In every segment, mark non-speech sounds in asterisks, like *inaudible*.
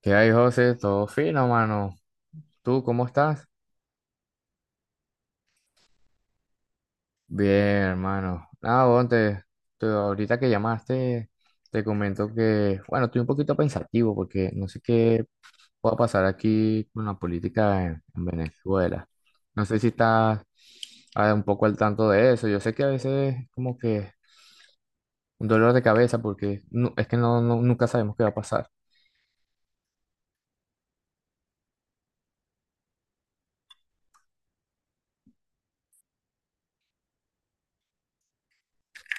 ¿Qué hay, José? Todo fino, mano. ¿Tú cómo estás? Bien, hermano. Nada, bueno, ahorita que llamaste, te comento que, bueno, estoy un poquito pensativo porque no sé qué pueda pasar aquí con la política en Venezuela. No sé si estás un poco al tanto de eso. Yo sé que a veces es como que un dolor de cabeza porque es que nunca sabemos qué va a pasar.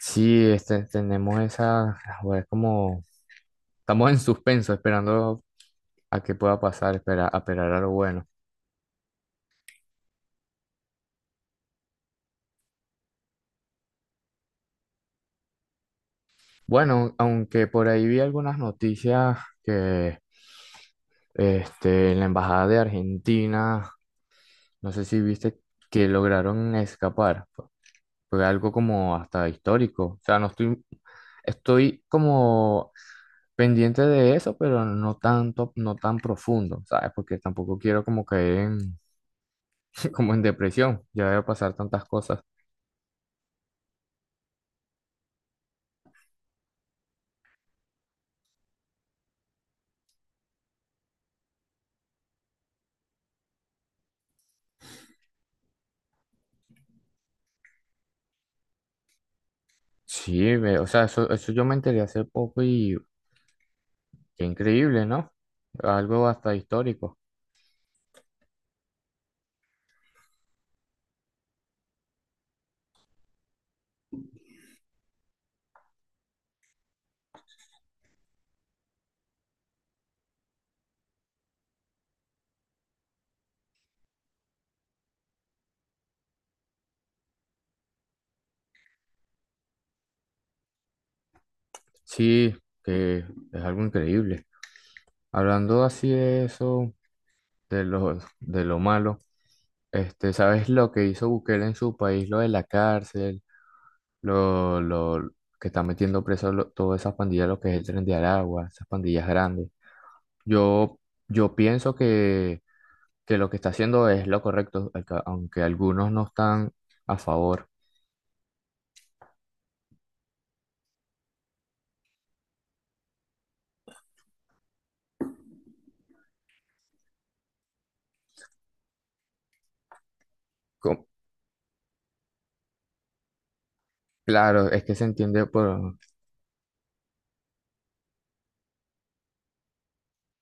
Sí, tenemos esa, bueno, es como, estamos en suspenso esperando a que pueda pasar, espera, a esperar a lo bueno. Bueno, aunque por ahí vi algunas noticias que en la embajada de Argentina, no sé si viste que lograron escapar. Fue algo como hasta histórico. O sea, no estoy, estoy como pendiente de eso, pero no tanto, no tan profundo, ¿sabes? Porque tampoco quiero como caer en, *laughs* como en depresión. Ya veo pasar tantas cosas. Sí, ve, o sea, eso yo me enteré hace poco y qué increíble, ¿no? Algo hasta histórico. Sí, que es algo increíble. Hablando así de eso, de de lo malo, ¿sabes lo que hizo Bukele en su país? Lo de la cárcel, lo que está metiendo preso todas esas pandillas, lo que es el Tren de Aragua, esas pandillas grandes. Yo, yo pienso que lo que está haciendo es lo correcto, aunque algunos no están a favor. Co- Claro, es que se entiende por,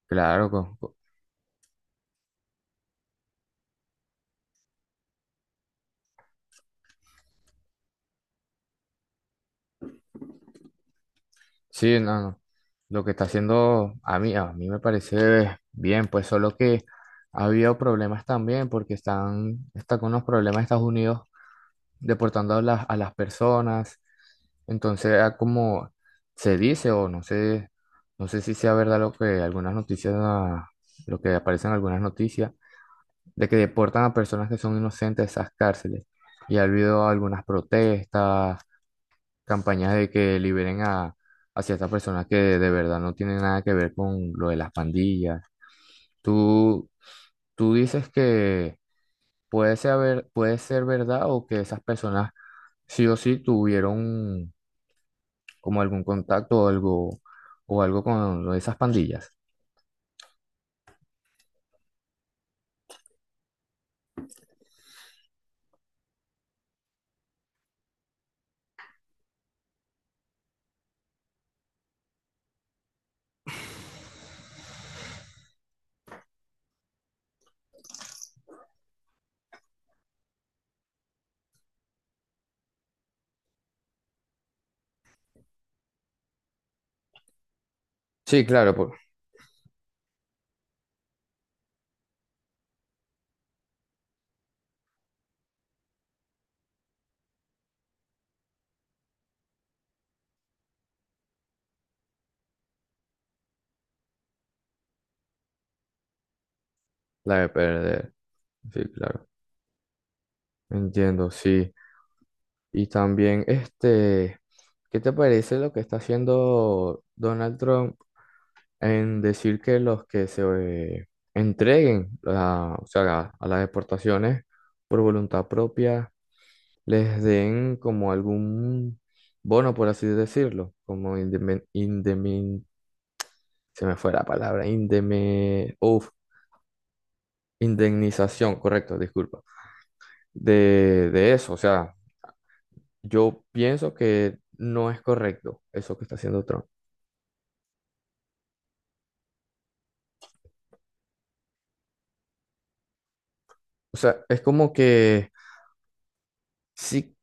claro, co- sí, no, no. Lo que está haciendo a mí me parece bien, pues solo que ha habido problemas también porque está con unos problemas Estados Unidos deportando a a las personas. Entonces, como se dice o no sé, no sé si sea verdad lo que algunas lo que aparecen en algunas noticias, de que deportan a personas que son inocentes de esas cárceles. Y ha habido algunas protestas campañas de que liberen a ciertas personas que de verdad no tienen nada que ver con lo de las pandillas. Tú, tú dices que puede puede ser verdad o que esas personas sí o sí tuvieron como algún contacto o algo con lo de esas pandillas. Sí, claro, la de perder. Sí, claro. Entiendo, sí. Y también, ¿qué te parece lo que está haciendo Donald Trump? En decir que los que se entreguen a, o sea, a las exportaciones por voluntad propia les den como algún bono, por así decirlo, como se me fue la palabra, indemnización, correcto, disculpa, de eso. O sea, yo pienso que no es correcto eso que está haciendo Trump. O sea, es como que sí,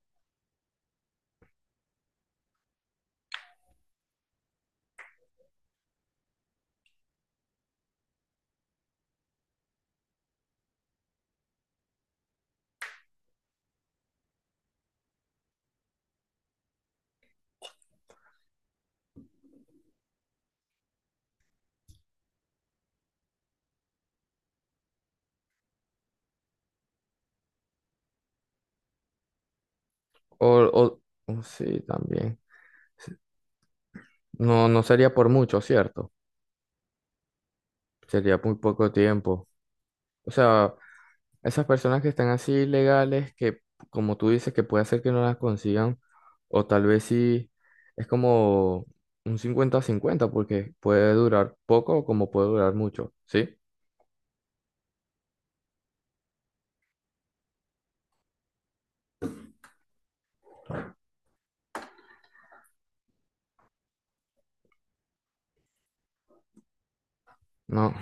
o, o o sí, también. No, no sería por mucho, ¿cierto? Sería muy poco tiempo. O sea, esas personas que están así ilegales, que como tú dices, que puede ser que no las consigan, o tal vez sí, es como un cincuenta a cincuenta porque puede durar poco o como puede durar mucho, ¿sí? No,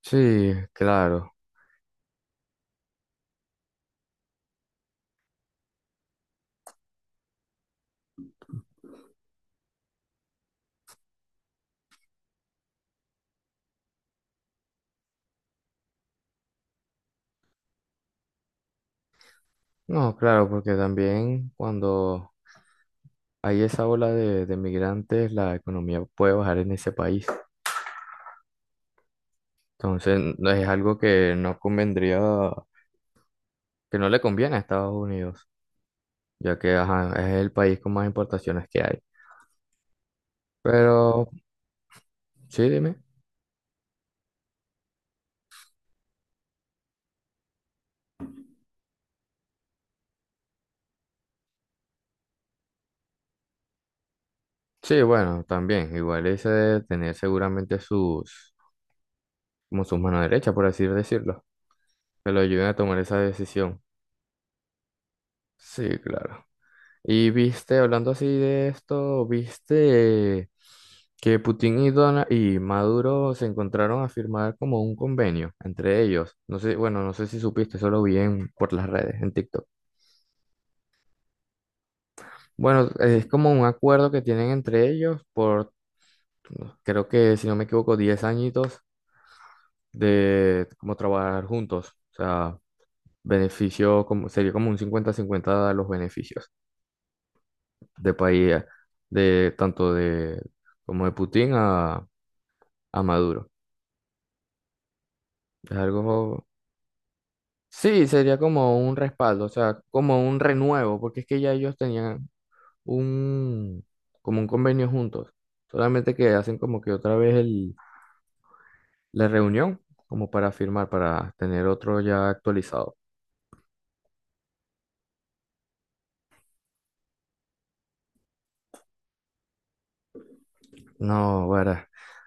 sí, claro. No, claro, porque también cuando hay esa ola de migrantes, la economía puede bajar en ese país. Entonces, no convendría que no le conviene a Estados Unidos, ya que ajá, es el país con más importaciones que hay. Pero, sí, dime. Sí, bueno, también, igual ese de tener seguramente sus, como sus manos derechas, por así decirlo, que lo ayuden a tomar esa decisión. Sí, claro. Y viste, hablando así de esto, viste que Putin y y Maduro se encontraron a firmar como un convenio entre ellos. No sé, bueno, no sé si supiste, eso lo por las redes, en TikTok. Bueno, es como un acuerdo que tienen entre ellos por, creo que si no me equivoco, 10 añitos de como trabajar juntos. O sea, beneficio como, sería como un cincuenta-cincuenta 50 los beneficios de país, de tanto de como de Putin a Maduro. Es algo, sí, sería como un respaldo, o sea, como un renuevo, porque es que ya ellos tenían un, como un convenio juntos. Solamente que hacen como que otra vez el la reunión como para firmar, para tener otro ya actualizado. No, bueno,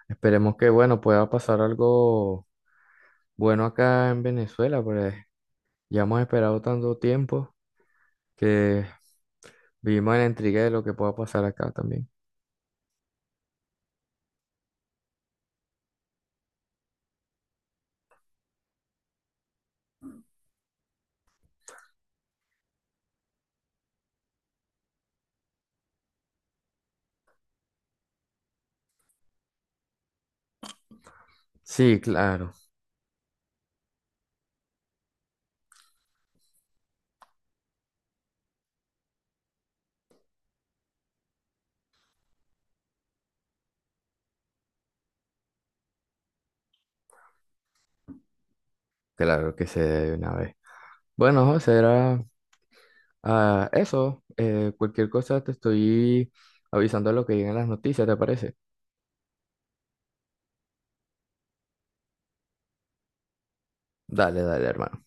esperemos que, bueno, pueda pasar algo bueno acá en Venezuela, pues ya hemos esperado tanto tiempo que vivimos en la intriga de lo que pueda pasar acá también. Sí, claro, claro que se debe una vez. Bueno, José, era eso. Cualquier cosa te estoy avisando de lo que lleguen las noticias, ¿te parece? Dale, dale, hermano.